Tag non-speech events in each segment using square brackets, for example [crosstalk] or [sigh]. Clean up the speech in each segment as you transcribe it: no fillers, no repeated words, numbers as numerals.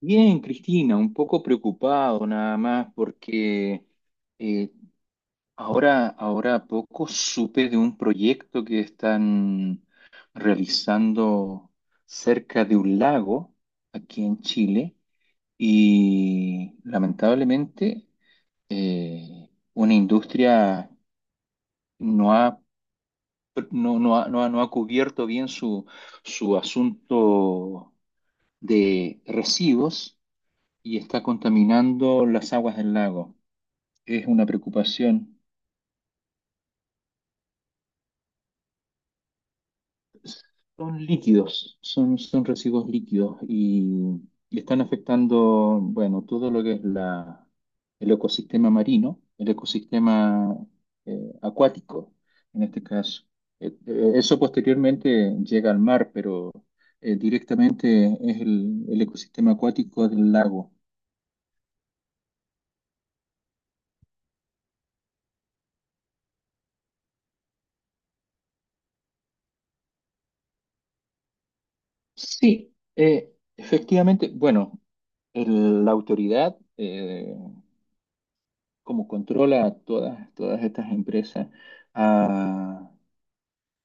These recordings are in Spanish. Bien, Cristina, un poco preocupado nada más porque eh, ahora a poco supe de un proyecto que están realizando cerca de un lago aquí en Chile y lamentablemente una industria no ha, no ha cubierto bien su asunto de residuos y está contaminando las aguas del lago. Es una preocupación. Son líquidos, son residuos líquidos y están afectando, bueno, todo lo que es el ecosistema marino, el ecosistema acuático, en este caso. Eso posteriormente llega al mar, pero directamente es el ecosistema acuático del lago. Sí, efectivamente, bueno, la autoridad, como controla a todas estas empresas, a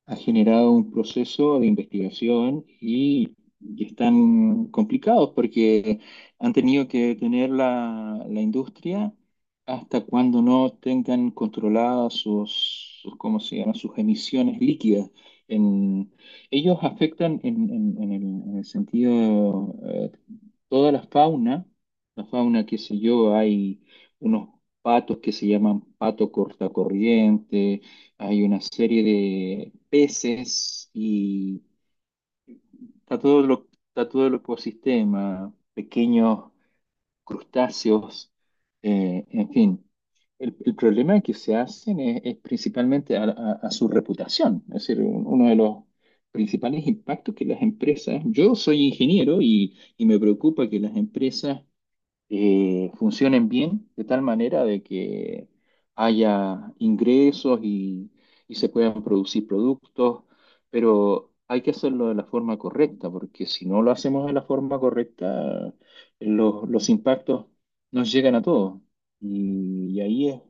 ha generado un proceso de investigación y están complicados porque han tenido que detener la industria hasta cuando no tengan controladas ¿cómo se llama? Sus emisiones líquidas. En, Ellos afectan en en el sentido, toda la fauna, qué sé yo, hay unos patos que se llaman pato cortacorriente, hay una serie de peces y está todo el ecosistema, pequeños crustáceos, en fin. El problema que se hacen es principalmente a, a su reputación, es decir, uno de los principales impactos que las empresas, yo soy ingeniero y me preocupa que las empresas funcionen bien, de tal manera de que haya ingresos y se puedan producir productos, pero hay que hacerlo de la forma correcta, porque si no lo hacemos de la forma correcta, los impactos nos llegan a todos. Y ahí es,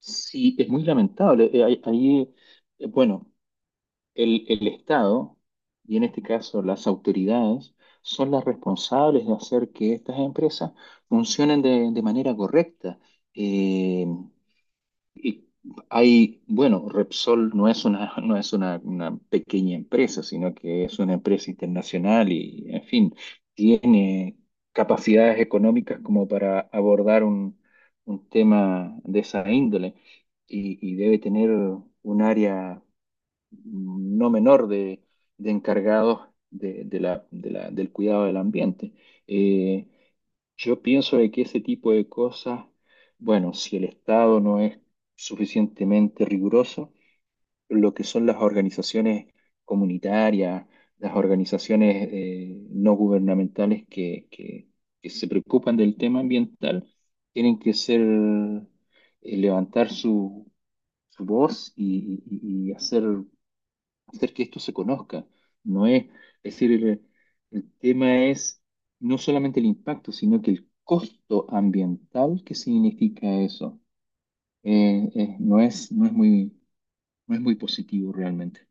sí, es muy lamentable. Ahí, bueno. El Estado, y en este caso las autoridades, son las responsables de hacer que estas empresas funcionen de manera correcta. Eh, y hay, bueno, Repsol no es una, una pequeña empresa, sino que es una empresa internacional y, en fin, tiene capacidades económicas como para abordar un tema de esa índole y debe tener un área no menor de encargados de, del cuidado del ambiente. Eh, yo pienso de que ese tipo de cosas, bueno, si el Estado no es suficientemente riguroso, lo que son las organizaciones comunitarias, las organizaciones, no gubernamentales que se preocupan del tema ambiental, tienen que ser, levantar su voz y y hacer que esto se conozca. No es, Es decir, el tema es no solamente el impacto, sino que el costo ambiental que significa eso. No es muy, no es muy positivo realmente.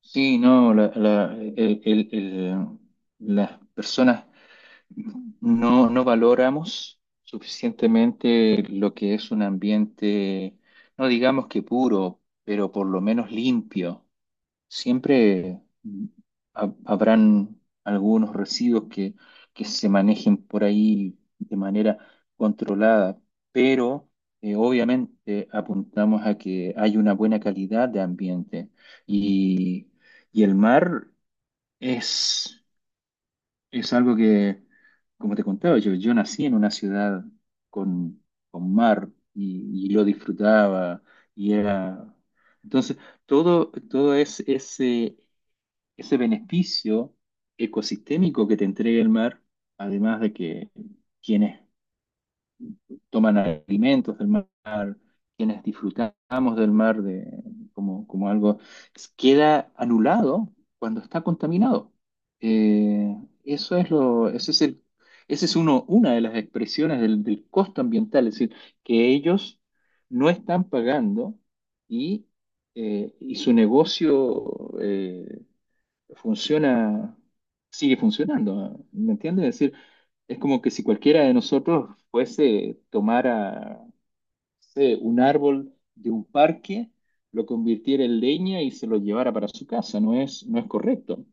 Sí, no, las personas no valoramos suficientemente lo que es un ambiente, no digamos que puro, pero por lo menos limpio. Siempre habrán algunos residuos que se manejen por ahí de manera controlada, pero obviamente apuntamos a que hay una buena calidad de ambiente y, y el mar es, es algo que, como te contaba, yo nací en una ciudad con, con mar y lo disfrutaba y era. Entonces, todo es ese beneficio ecosistémico que te entrega el mar, además de que quienes toman alimentos del mar, quienes disfrutamos del mar de, como, como algo, queda anulado cuando está contaminado. Eh, Ese es el, ese es uno, una de las expresiones del, del costo ambiental, es decir, que ellos no están pagando y, y su negocio, funciona, sigue funcionando, ¿me entiendes? Es decir, es como que si cualquiera de nosotros fuese tomara, no sé, un árbol de un parque, lo convirtiera en leña y se lo llevara para su casa, no es correcto.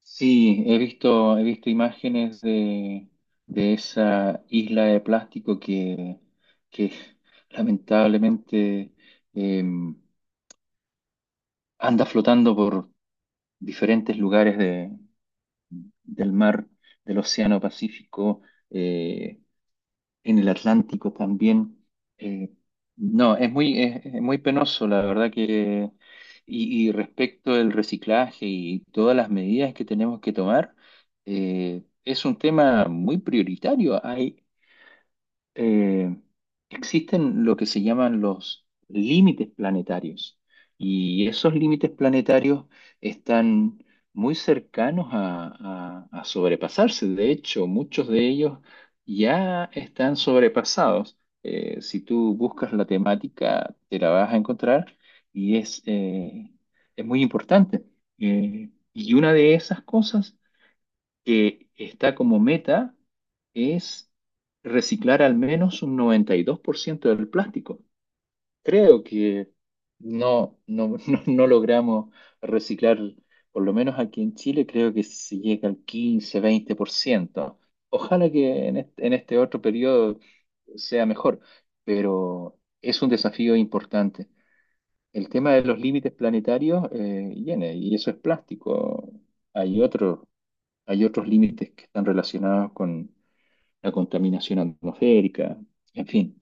Sí, he visto imágenes de esa isla de plástico que lamentablemente, eh, anda flotando por diferentes lugares de del mar, del Océano Pacífico, eh, en el Atlántico también. Eh, no, Es muy, es muy penoso, la verdad que. Y respecto del reciclaje y todas las medidas que tenemos que tomar, es un tema muy prioritario. Hay eh, Existen lo que se llaman los límites planetarios y esos límites planetarios están muy cercanos a, a sobrepasarse. De hecho, muchos de ellos ya están sobrepasados. Si tú buscas la temática, te la vas a encontrar y es muy importante. Y una de esas cosas que está como meta es reciclar al menos un 92% del plástico. Creo que [laughs] no logramos reciclar, por lo menos aquí en Chile, creo que se llega al 15, 20%. Ojalá que en este otro periodo sea mejor, pero es un desafío importante. El tema de los límites planetarios, viene, y eso es plástico. Hay otros Hay otros límites que están relacionados con la contaminación atmosférica, en fin.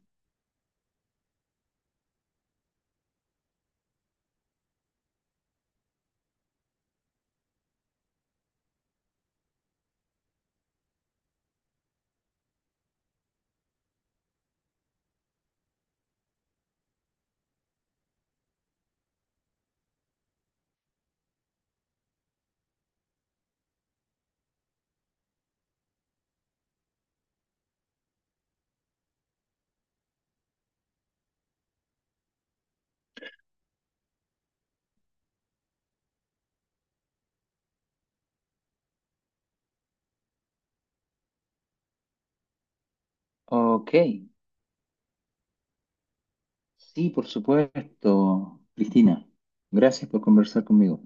Ok, sí, por supuesto, Cristina. Gracias por conversar conmigo.